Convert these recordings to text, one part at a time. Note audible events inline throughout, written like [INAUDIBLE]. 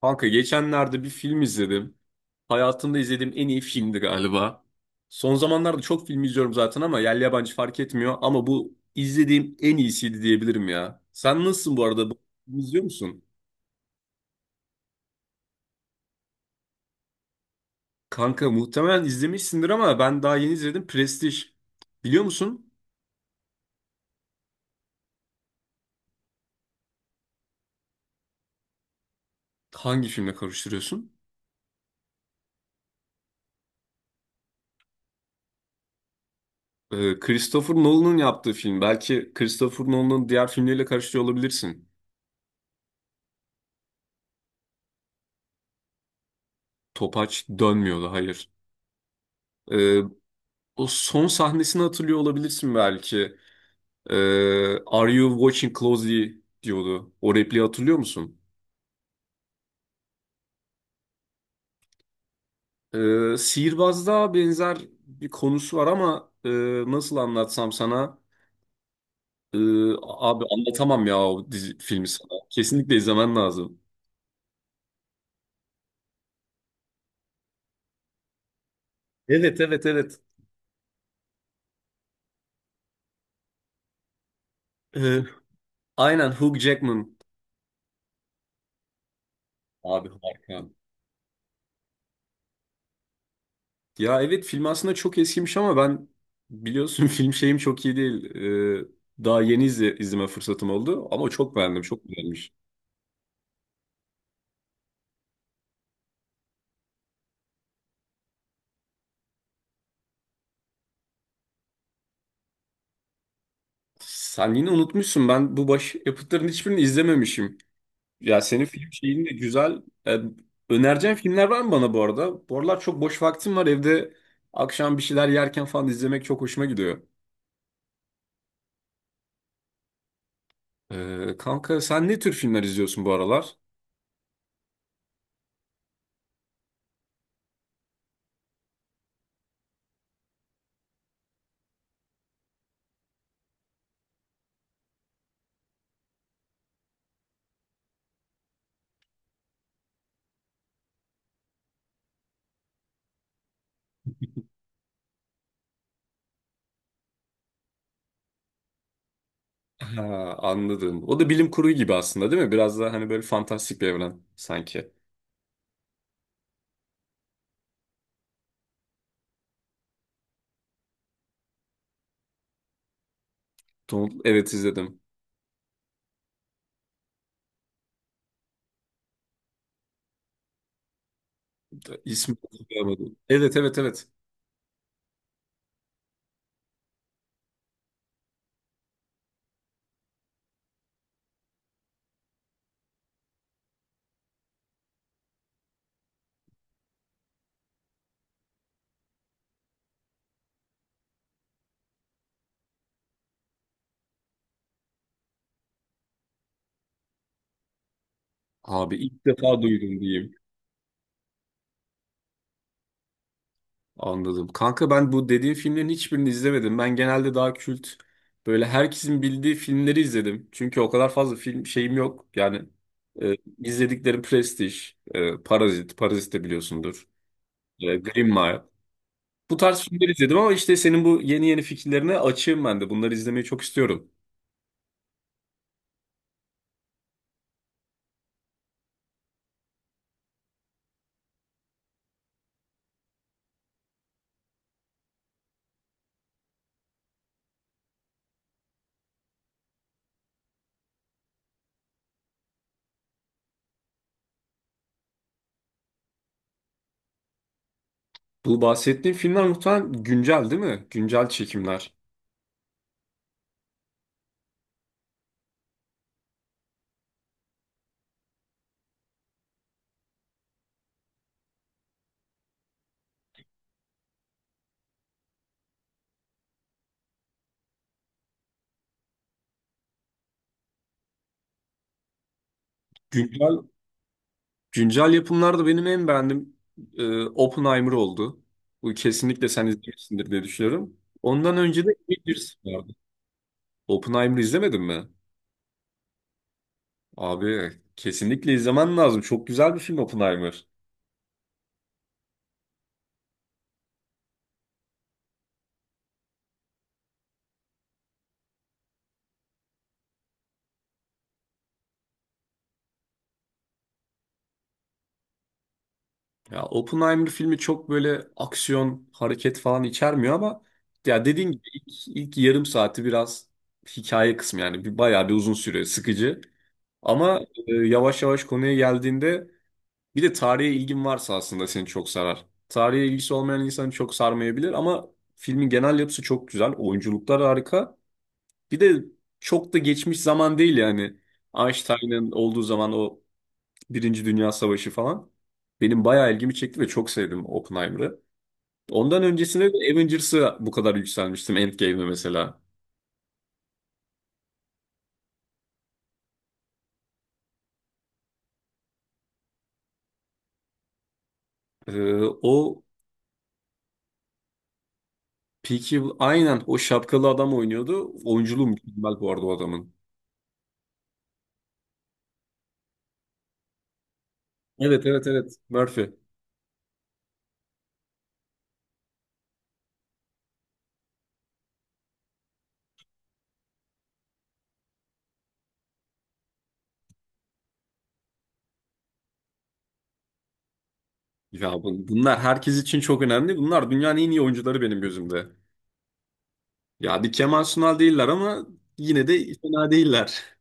Kanka geçenlerde bir film izledim. Hayatımda izlediğim en iyi filmdi galiba. Son zamanlarda çok film izliyorum zaten ama yerli yabancı fark etmiyor. Ama bu izlediğim en iyisiydi diyebilirim ya. Sen nasılsın bu arada? Bu filmi İzliyor musun? Kanka muhtemelen izlemişsindir ama ben daha yeni izledim. Prestij. Biliyor musun? Hangi filmle karıştırıyorsun? Christopher Nolan'ın yaptığı film. Belki Christopher Nolan'ın diğer filmleriyle karıştırıyor olabilirsin. Topaç dönmüyordu, hayır. Ee, O son sahnesini hatırlıyor olabilirsin belki. Are you watching closely diyordu. O repliği hatırlıyor musun? Sihirbazda benzer bir konusu var ama nasıl anlatsam sana? Ee, abi anlatamam ya o dizi, filmi sana. Kesinlikle izlemen lazım. Evet evet evet. Ee, aynen Hugh Jackman. Abi harika. Ya evet film aslında çok eskimiş ama ben biliyorsun [LAUGHS] film şeyim çok iyi değil. Daha yeni izleme fırsatım oldu ama çok beğendim, çok beğenmiş. Sen yine unutmuşsun ben bu baş yapıtların hiçbirini izlememişim. Ya senin film şeyin de güzel. Ee, önereceğin filmler var mı bana bu arada? Bu aralar çok boş vaktim var evde akşam bir şeyler yerken falan izlemek çok hoşuma gidiyor. Kanka sen ne tür filmler izliyorsun bu aralar? Ha, anladım. O da bilim kurgu gibi aslında değil mi? Biraz daha hani böyle fantastik bir evren sanki. Evet izledim. İsmi hatırlayamadım. Evet evet evet. Abi ilk defa duydum diyeyim. Anladım. Kanka ben bu dediğin filmlerin hiçbirini izlemedim. Ben genelde daha kült böyle herkesin bildiği filmleri izledim. Çünkü o kadar fazla film şeyim yok. Yani e, izlediklerim Prestige, Parazit, Parazit de biliyorsundur. Green Mile. Bu tarz filmleri izledim ama işte senin bu yeni yeni fikirlerine açığım ben de. Bunları izlemeyi çok istiyorum. Bu bahsettiğim filmler muhtemelen güncel değil mi? Güncel çekimler. Güncel Güncel yapımlarda benim en beğendiğim Oppenheimer oldu. Bu kesinlikle sen izlemişsindir diye düşünüyorum. Ondan önce de Avengers vardı. Oppenheimer'ı izlemedin mi? Abi kesinlikle izlemen lazım. Çok güzel bir film Oppenheimer. Ya Oppenheimer filmi çok böyle aksiyon, hareket falan içermiyor ama ya dediğin gibi ilk yarım saati biraz hikaye kısmı yani bir bayağı bir uzun süre sıkıcı. Ama yavaş yavaş konuya geldiğinde, bir de tarihe ilgin varsa aslında seni çok sarar. Tarihe ilgisi olmayan insanı çok sarmayabilir ama filmin genel yapısı çok güzel. Oyunculuklar harika. Bir de çok da geçmiş zaman değil yani. Einstein'ın olduğu zaman o Birinci Dünya Savaşı falan. Benim bayağı ilgimi çekti ve çok sevdim Oppenheimer'ı. Ondan öncesinde de Avengers'ı bu kadar yükselmiştim Endgame'e mesela. Ee, o Peaky, aynen o şapkalı adam oynuyordu. Oyunculuğu mükemmel bu arada o adamın. Evet evet evet. Murphy. Ya bunlar herkes için çok önemli. Bunlar dünyanın en iyi oyuncuları benim gözümde. Ya bir Kemal Sunal değiller ama yine de fena değiller.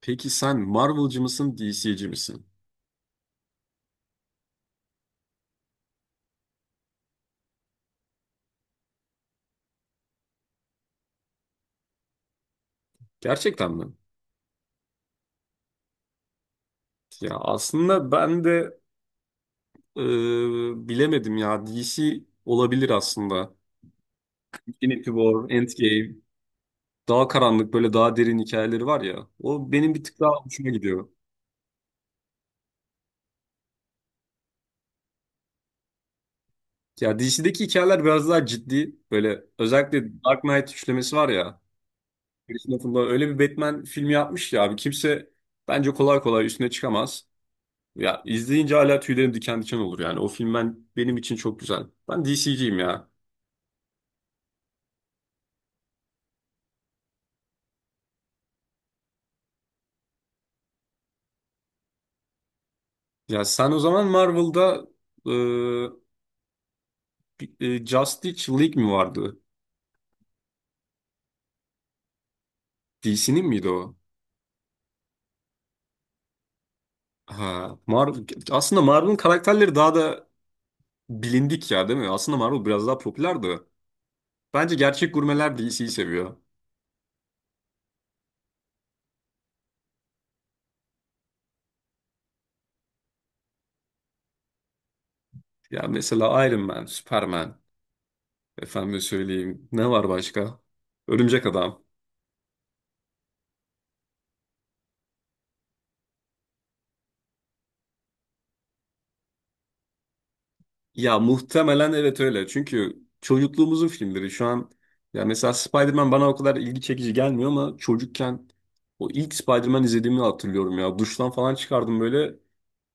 Peki sen Marvel'cı mısın, DC'ci misin? Gerçekten mi? Ya aslında ben de e, bilemedim ya. DC olabilir aslında. Infinity War, Endgame, daha karanlık böyle daha derin hikayeleri var ya. O benim bir tık daha hoşuma gidiyor. Ya DC'deki hikayeler biraz daha ciddi. Böyle özellikle Dark Knight üçlemesi var ya. Christopher'la öyle bir Batman filmi yapmış ya abi kimse bence kolay kolay üstüne çıkamaz. Ya izleyince hala tüylerim diken diken olur yani. O film benim için çok güzel. Ben DC'ciyim ya. Ya sen o zaman Marvel'da e, bir- Justice League mi vardı? DC'nin miydi o? Ha, Marvel, aslında Marvel'ın karakterleri daha da bilindik ya değil mi? Aslında Marvel biraz daha popülerdi. Bence gerçek gurmeler DC'yi seviyor. Ya mesela Iron Man, Superman. Efendim söyleyeyim. Ne var başka? Örümcek Adam. Ya muhtemelen evet öyle. Çünkü çocukluğumuzun filmleri şu an ya mesela Spider-Man bana o kadar ilgi çekici gelmiyor ama çocukken o ilk Spider-Man izlediğimi hatırlıyorum ya. Duştan falan çıkardım böyle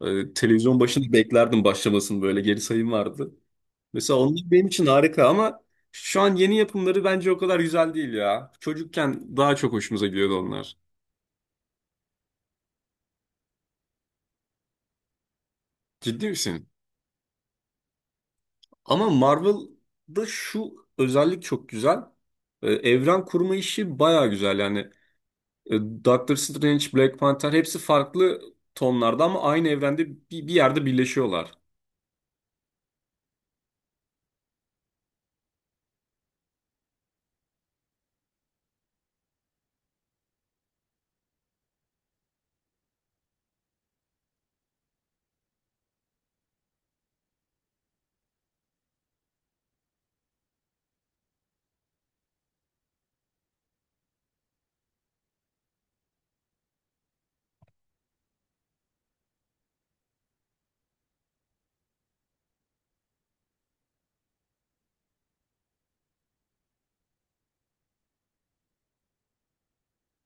televizyon başında beklerdim başlamasını böyle geri sayım vardı. Mesela onlar benim için harika ama şu an yeni yapımları bence o kadar güzel değil ya. Çocukken daha çok hoşumuza gidiyordu onlar. Ciddi misin? Ama Marvel'da şu özellik çok güzel. Evren kurma işi baya güzel. Yani Doctor Strange, Black Panther hepsi farklı tonlarda ama aynı evrende bir yerde birleşiyorlar.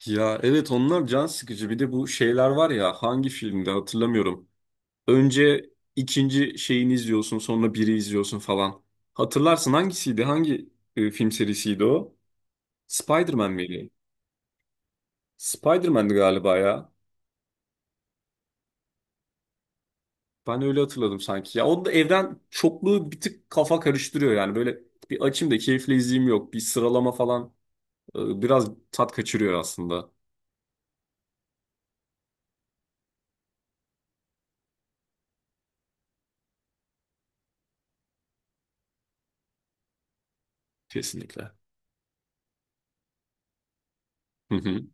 Ya evet onlar can sıkıcı. Bir de bu şeyler var ya hangi filmde hatırlamıyorum. Önce ikinci şeyini izliyorsun sonra biri izliyorsun falan. Hatırlarsın hangisiydi? Hangi film serisiydi o? Spider-Man miydi? Spider-Man'di galiba ya. Ben öyle hatırladım sanki. Ya onu da evden çokluğu bir tık kafa karıştırıyor yani. Böyle bir açayım da keyifle izleyeyim yok. Bir sıralama falan biraz tat kaçırıyor aslında. Kesinlikle. Hı hı.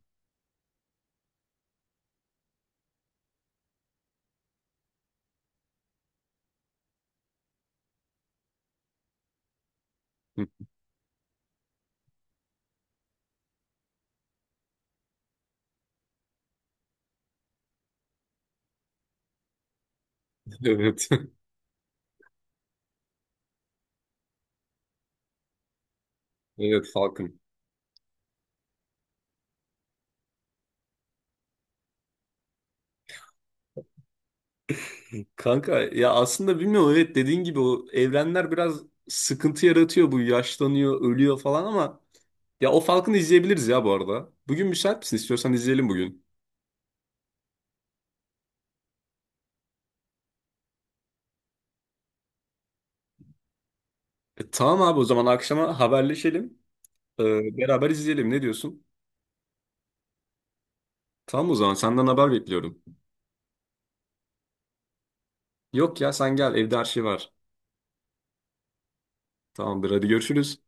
[LAUGHS] Evet. [LAUGHS] Evet Falcon. Kanka ya aslında bilmiyorum evet dediğin gibi o evrenler biraz sıkıntı yaratıyor bu yaşlanıyor ölüyor falan ama ya o Falcon'ı izleyebiliriz ya bu arada. Bugün müsait misin? İstiyorsan izleyelim bugün. Tamam abi o zaman akşama haberleşelim. E, beraber izleyelim ne diyorsun? Tamam o zaman senden haber bekliyorum. Yok ya sen gel evde her şey var. Tamamdır hadi görüşürüz.